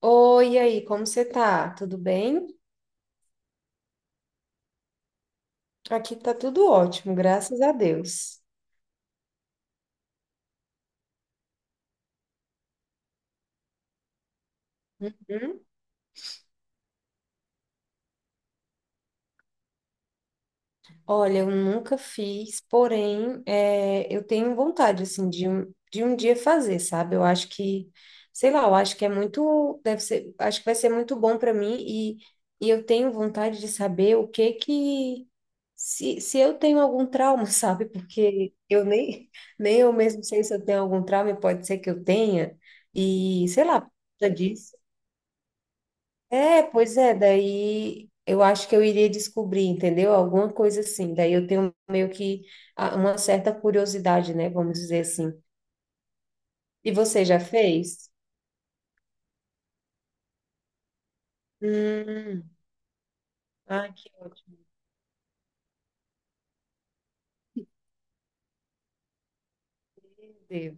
Oi, e aí, como você tá? Tudo bem? Aqui tá tudo ótimo, graças a Deus. Hum? Olha, eu nunca fiz, porém, é, eu tenho vontade, assim, de um dia fazer, sabe? Eu acho que, sei lá, eu acho que é muito, deve ser, acho que vai ser muito bom para mim e eu tenho vontade de saber o que que, se eu tenho algum trauma, sabe? Porque eu nem, nem eu mesmo sei se eu tenho algum trauma e pode ser que eu tenha, e sei lá, por conta disso. É, pois é, daí eu acho que eu iria descobrir, entendeu? Alguma coisa assim. Daí eu tenho meio que uma certa curiosidade, né? Vamos dizer assim. E você já fez? Hum, ah, que ótimo. Deus.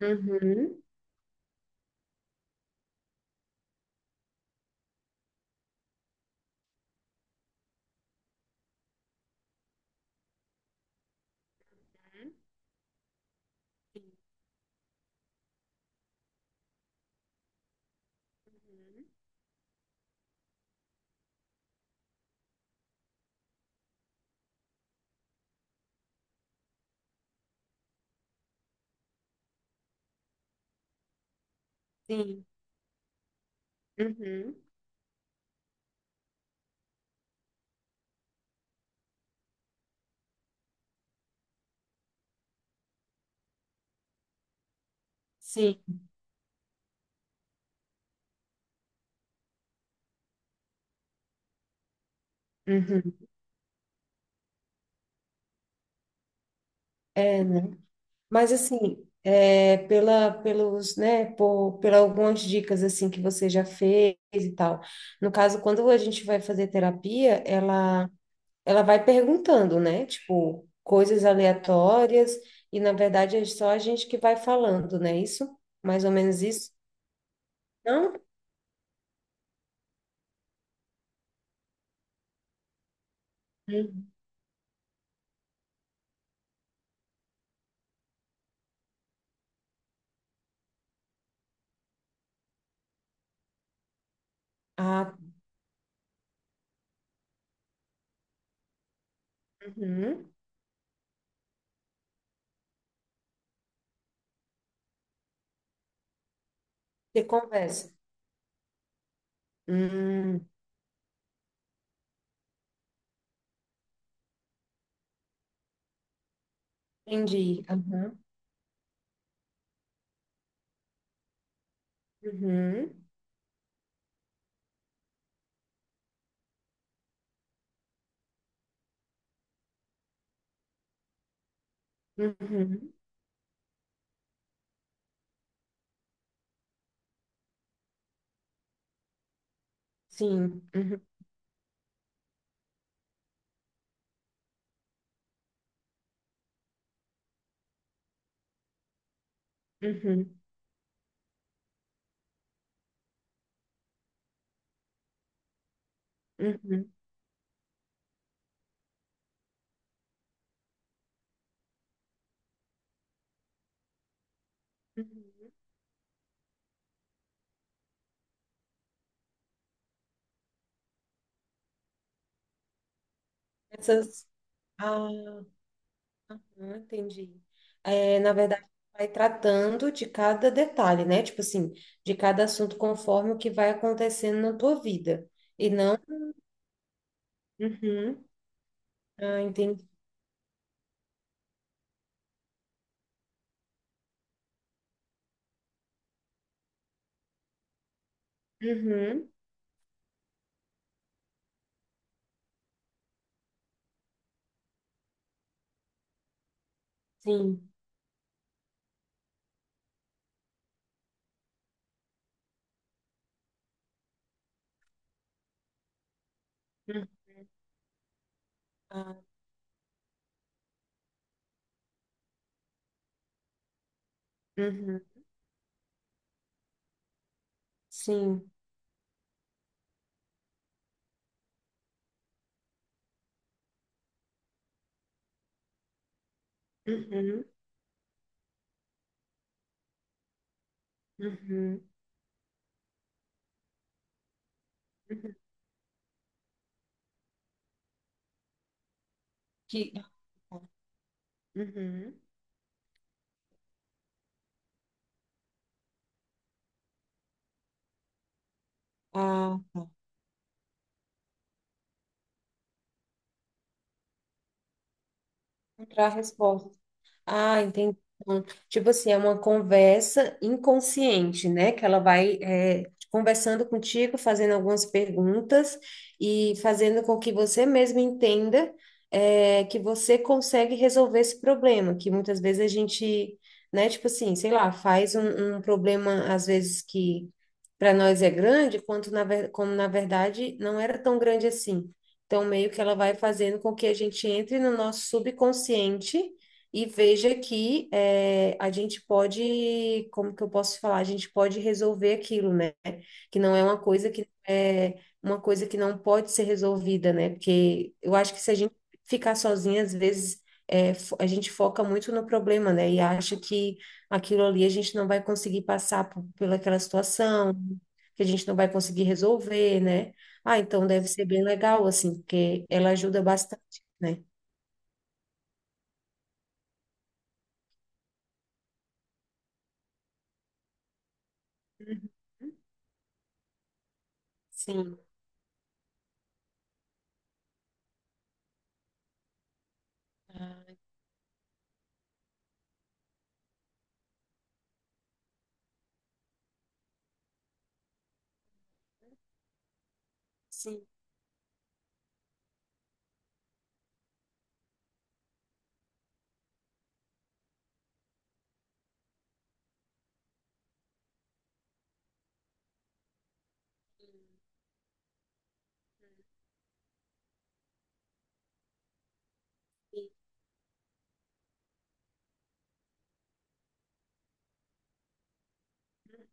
Uhum. Sim. Uhum. Sim. Uhum. É, né? Mas assim, é, pela, pelos, né, por algumas dicas assim que você já fez e tal. No caso, quando a gente vai fazer terapia, ela vai perguntando, né? Tipo, coisas aleatórias, e na verdade é só a gente que vai falando, né? Isso? Mais ou menos isso? Não? Uhum. Ah, uhum. Você conversa. Hum, entendi. Aham. Uhum. Uhum. Sim. Uhum. Uhum. Uhum. Uhum. Essas. Ah. Ah, entendi. É, na verdade, vai tratando de cada detalhe, né? Tipo assim, de cada assunto conforme o que vai acontecendo na tua vida. E não. Uhum. Ah, entendi. Uhum. Sim. Uhum. Ah, uhum. Sim. Uhum. Uhum. Uhum. Que. Ah, tá. Uhum. Ah, tá. Encontrar a resposta. Ah, entendi. Então, tipo assim, é uma conversa inconsciente, né? Que ela vai é, conversando contigo, fazendo algumas perguntas e fazendo com que você mesmo entenda é, que você consegue resolver esse problema, que muitas vezes a gente, né? Tipo assim, sei lá, faz um problema às vezes que para nós é grande, quanto na, como na verdade não era tão grande assim. Então, meio que ela vai fazendo com que a gente entre no nosso subconsciente e veja que eh, a gente pode, como que eu posso falar? A gente pode resolver aquilo, né? Que não é uma coisa que é uma coisa que não pode ser resolvida, né? Porque eu acho que se a gente ficar sozinha, às vezes a gente foca muito no problema, né? E acha que aquilo ali a gente não vai conseguir passar por, pela aquela situação, que a gente não vai conseguir resolver, né? Ah, então deve ser bem legal, assim, porque ela ajuda bastante, né? Uhum. Sim. Sim.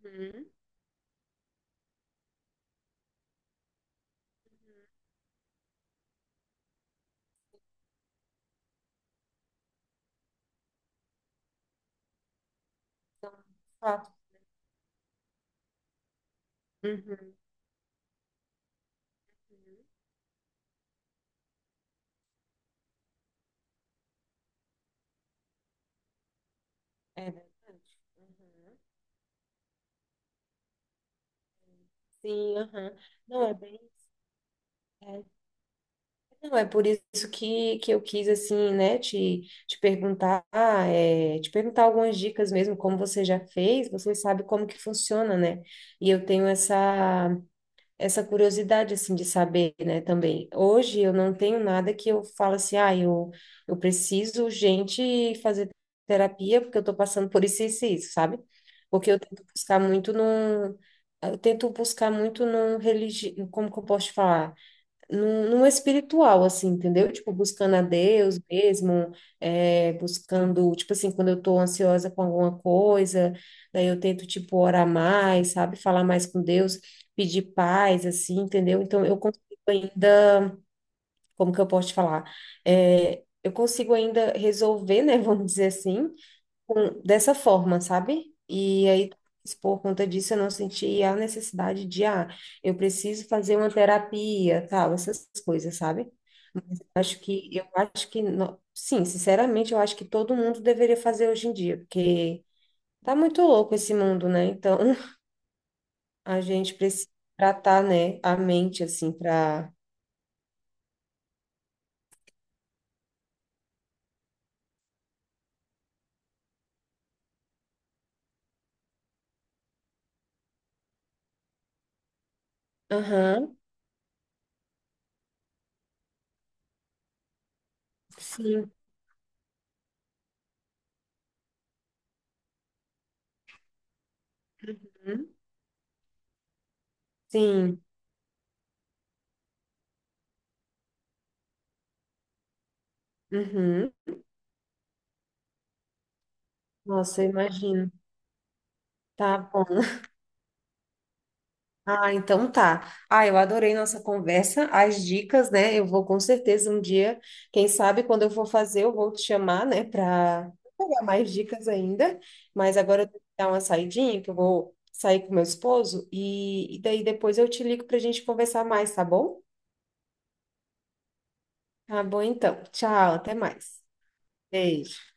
Uhum. Uhum. Então, de fato. Uhum. Uhum. É verdade. Uhum. Sim, aham. Não, é bem. É, não, é por isso que eu quis, assim, né, te perguntar, é, te perguntar algumas dicas mesmo, como você já fez, você sabe como que funciona, né? E eu tenho essa. Essa curiosidade assim de saber, né, também. Hoje eu não tenho nada que eu falo assim, ah, eu preciso, gente, fazer terapia porque eu tô passando por isso, isso, e isso, sabe? Porque eu tento buscar muito num, eu tento buscar muito num religi... como que eu posso te falar? Num espiritual, assim, entendeu? Tipo, buscando a Deus mesmo, é, buscando, tipo assim, quando eu tô ansiosa com alguma coisa, daí eu tento, tipo, orar mais, sabe? Falar mais com Deus, pedir paz, assim, entendeu? Então, eu consigo ainda, como que eu posso te falar? É, eu consigo ainda resolver, né, vamos dizer assim, dessa forma, sabe? E aí, por conta disso, eu não senti a necessidade de, ah, eu preciso fazer uma terapia, tal, essas coisas, sabe? Mas eu acho que, sim, sinceramente, eu acho que todo mundo deveria fazer hoje em dia, porque tá muito louco esse mundo, né? Então, a gente precisa tratar, né, a mente, assim, pra... Aham, sim, uhum, sim, uhum. Nossa, eu imagino. Tá bom. Ah, então tá. Ah, eu adorei nossa conversa, as dicas, né? Eu vou com certeza um dia, quem sabe quando eu for fazer, eu vou te chamar, né, para pegar mais dicas ainda. Mas agora eu tenho que dar uma saidinha, que eu vou sair com meu esposo e daí depois eu te ligo para a gente conversar mais, tá bom? Tá bom, então. Tchau, até mais. Beijo.